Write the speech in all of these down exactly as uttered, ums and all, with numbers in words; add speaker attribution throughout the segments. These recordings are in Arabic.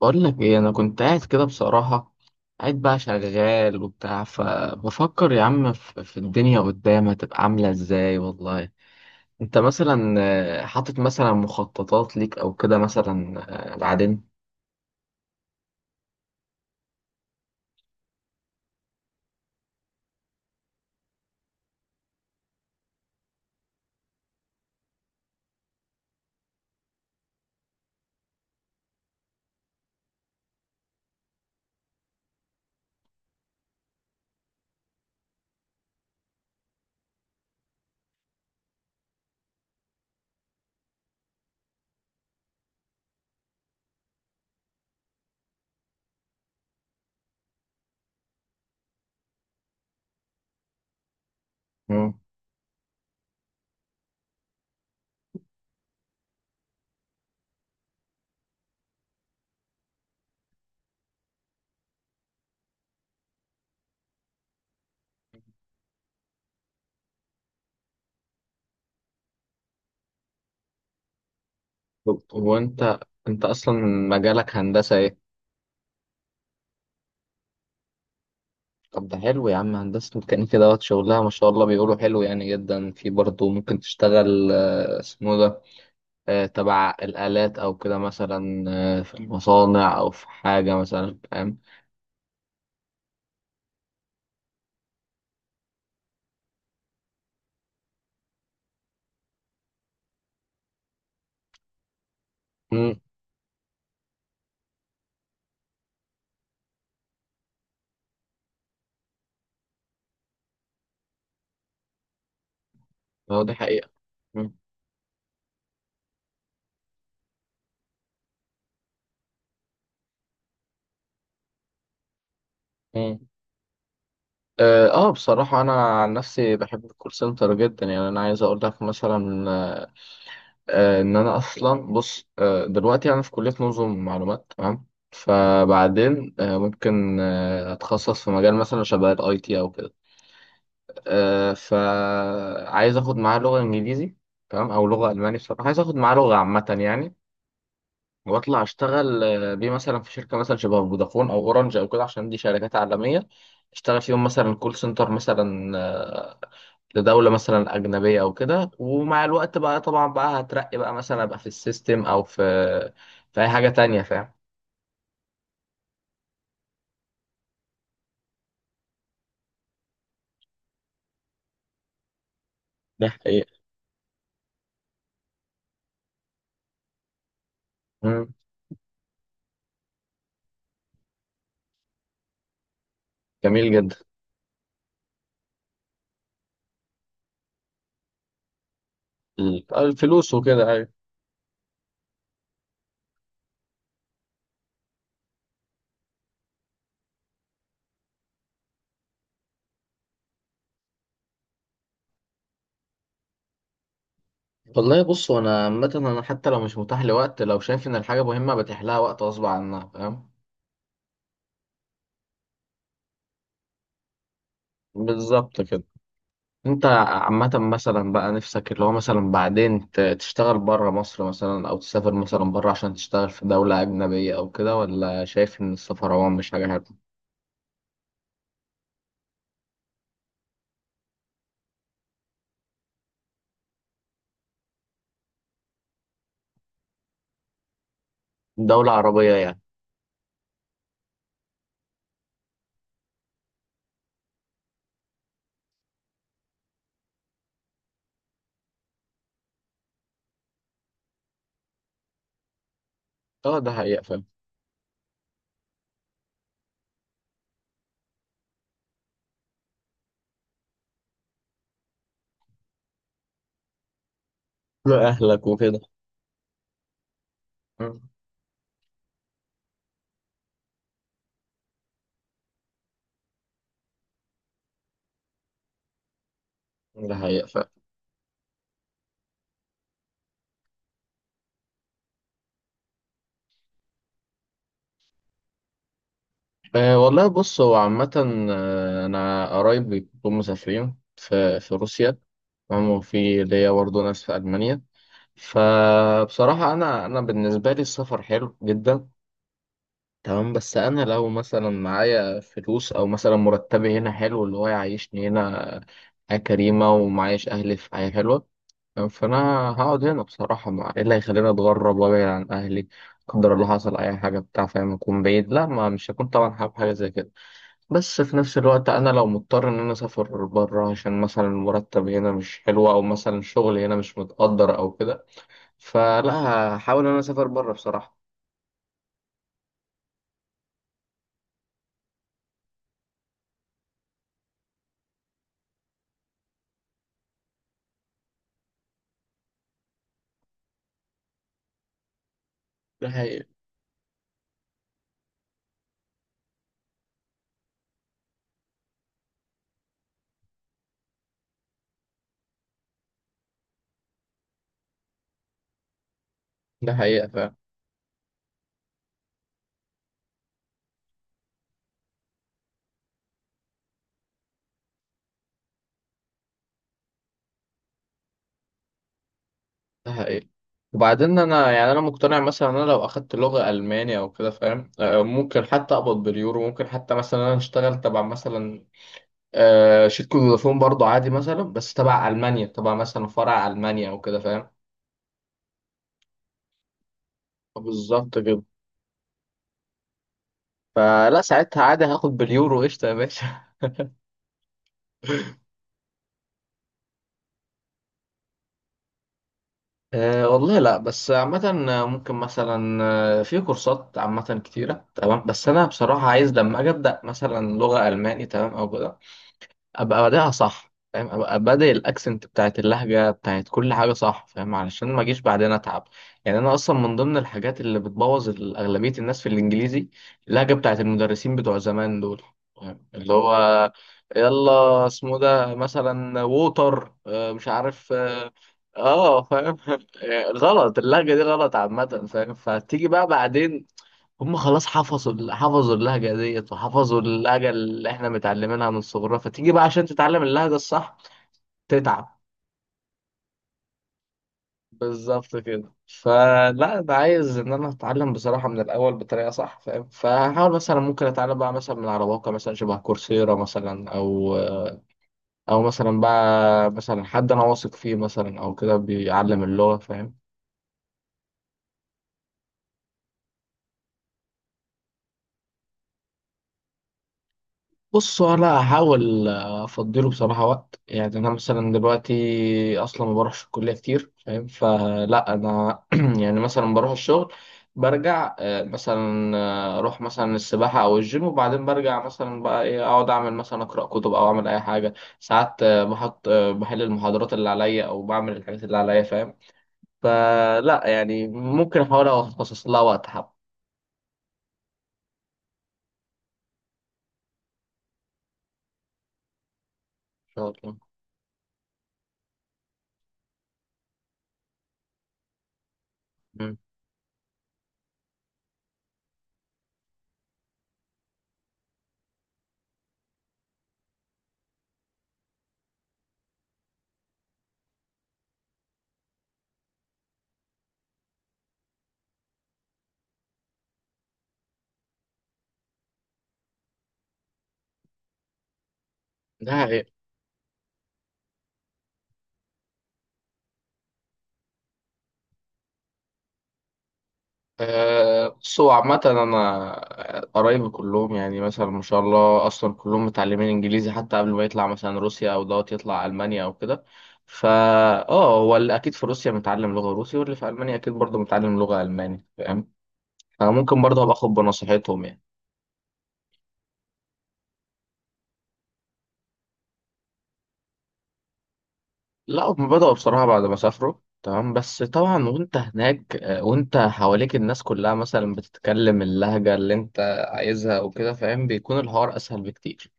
Speaker 1: بقول لك ايه، انا كنت قاعد كده بصراحة، قاعد بقى شغال وبتاع، فبفكر يا عم في في الدنيا قدام هتبقى عاملة ازاي والله. انت مثلا آه، حاطط مثلا مخططات ليك او كده مثلا آه، بعدين. مم. طب وانت انت اصلا مجالك هندسة ايه؟ طب ده حلو يا عم، هندسة ميكانيكا دوت شغلها ما شاء الله، بيقولوا حلو يعني جدا، في برضه ممكن تشتغل آه، اسمه ده آه، تبع الآلات أو كده مثلا آه، في المصانع أو في حاجة مثلا فاهم. مم. هو دي حقيقة. مم. مم. اه آه، بصراحة أنا عن نفسي بحب الكول سنتر جدا، يعني أنا عايز أقول لك مثلا آه، آه، إن أنا أصلا بص آه، دلوقتي أنا في كلية نظم معلومات تمام. فبعدين آه، ممكن آه، أتخصص في مجال مثلا شبه الأي تي أو كده آه، فعايز أخد معاه لغة إنجليزي تمام، أو لغة ألماني. بصراحة عايز أخد معاه لغة عامة يعني. واطلع اشتغل آه، بيه مثلا في شركه مثلا شبه فودافون او اورنج او كده، عشان دي شركات عالميه. اشتغل فيهم مثلا كول سنتر مثلا آه، لدوله مثلا اجنبيه او كده، ومع الوقت بقى طبعا بقى هترقي بقى مثلا ابقى في السيستم او في في اي حاجه تانية فاهم. ده حقيقة. مم. جميل جدا. ال- الفلوس وكده ايوه. والله بص، انا عامه انا حتى لو مش متاح لوقت، لو شايف ان الحاجه مهمه بتحلها وقت غصب عنها فاهم. بالظبط كده. انت عامة مثلا بقى نفسك اللي هو مثلا بعدين ت- تشتغل بره مصر مثلا، او تسافر مثلا بره عشان تشتغل في دولة اجنبية او كده، ولا شايف ان السفر عموما مش حاجة حلوة؟ دولة عربية يعني. اه ده حقيقة فعلا. لأهلك وكده. مم. ده حقيقة فعلا. أه والله بص هو عامة آه، انا قرايب بيكونوا مسافرين في في روسيا تمام، وفي ليا برضه ناس في ألمانيا. فبصراحة أنا أنا بالنسبة لي السفر حلو جدا تمام، بس انا لو مثلا معايا فلوس او مثلا مرتبي هنا حلو اللي هو يعيشني هنا حياة كريمة، ومعايش اهلي في حياة حلوة، فانا هقعد هنا بصراحة، ما ايه اللي هيخليني اتغرب وابعد عن اهلي؟ لا، قدر الله حصل اي حاجة بتاع فاهم اكون بعيد، لا ما مش هكون طبعا حابب حاجة زي كده. بس في نفس الوقت انا لو مضطر ان انا اسافر بره عشان مثلا المرتب هنا مش حلو، او مثلا الشغل هنا مش متقدر او كده، فلا، هحاول ان انا اسافر بره بصراحة. ده حقيقة. ده حقيقة. ده حقيقي. وبعدين انا يعني انا مقتنع مثلا ان انا لو اخدت لغه الماني او كده فاهم آه، ممكن حتى اقبض باليورو، ممكن حتى مثلا انا اشتغل تبع مثلا آه، شركه فودافون برضو عادي مثلا، بس تبع المانيا، تبع مثلا فرع المانيا او كده فاهم. بالظبط كده. فلا ساعتها عادي هاخد باليورو قشطه يا باشا أه والله لا بس عامة آه، ممكن مثلا آه، في كورسات عامة كتيرة تمام، بس أنا بصراحة عايز لما أجي أبدأ مثلا لغة ألماني تمام أو كده، ابقى بادئها صح فاهم، ابقى بادئ الاكسنت بتاعت اللهجه بتاعت كل حاجه صح فاهم، علشان ما اجيش بعدين اتعب. يعني انا اصلا من ضمن الحاجات اللي بتبوظ ال- اغلبيه الناس في الانجليزي اللهجه بتاعت المدرسين بتوع زمان دول. فاهم؟ اللي هو يلا اسمه ده مثلا ووتر آه، مش عارف اه آه، فاهم غلط اللهجه دي غلط عامه فاهم، فتيجي بقى بعدين هم خلاص حفظوا ال- حفظوا اللهجة ديت، وحفظوا اللهجة اللي احنا متعلمينها من صغرنا، فتيجي بقى عشان تتعلم اللهجة الصح تتعب. بالظبط كده. فلا انا عايز ان انا اتعلم بصراحة من الاول بطريقة صح فاهم، فهحاول مثلا ممكن اتعلم بقى مثلا من على مواقع مثلا شبه كورسيرا مثلا، او او مثلا بقى مثلا حد انا واثق فيه مثلا او كده بيعلم اللغة فاهم. بص انا هحاول افضله بصراحه وقت، يعني انا مثلا دلوقتي اصلا ما بروحش الكليه كتير فاهم، فلا انا يعني مثلا بروح الشغل، برجع آه، مثلا آه، اروح مثلا السباحه او الجيم، وبعدين برجع مثلا بقى ايه، اقعد اعمل مثلا اقرا كتب او اعمل اي حاجه. ساعات آه، بحط آه، بحل المحاضرات اللي عليا او بعمل الحاجات اللي عليا فاهم. فلا يعني ممكن احاول اخصص لها وقت حب ان شاء الله. مم. ده آه، بصوا عامة أنا آه، قرايبي كلهم، يعني مثلا ما شاء الله أصلا كلهم متعلمين إنجليزي حتى قبل ما يطلع مثلا روسيا أو دوت يطلع ألمانيا أو كده، فا آه هو اللي أكيد في روسيا متعلم لغة روسي، واللي في ألمانيا أكيد برضه متعلم لغة ألماني فاهم. أنا ممكن برضه أبقى آخد بنصيحتهم يعني. لا هم بدأوا بصراحة بعد ما سافروا تمام، بس طبعا وأنت هناك آه، وأنت حواليك الناس كلها مثلا بتتكلم اللهجة اللي أنت عايزها وكده فاهم، بيكون الحوار أسهل بكتير.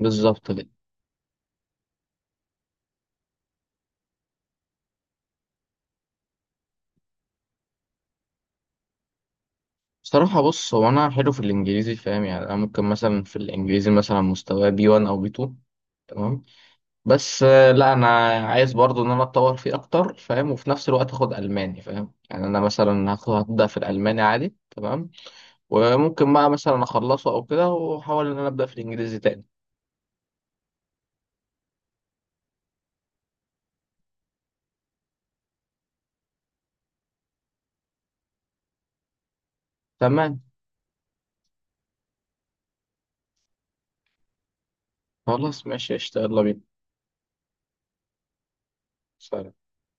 Speaker 1: بالظبط. بصراحة بص هو أنا حلو في الإنجليزي فاهم، يعني أنا ممكن مثلا في الإنجليزي مثلا مستوى بي واحد أو بي تو تمام. بس آه، لا أنا عايز برضو إن أنا أتطور فيه أكتر فاهم، وفي نفس الوقت أخد ألماني فاهم. يعني أنا مثلا هاخد هبدأ في الألماني عادي تمام، وممكن بقى مثلا أخلصه أو كده، وأحاول إن أنا أبدأ في الإنجليزي تاني. تمام. خلاص ماشي قشطة يلا بينا. سلام.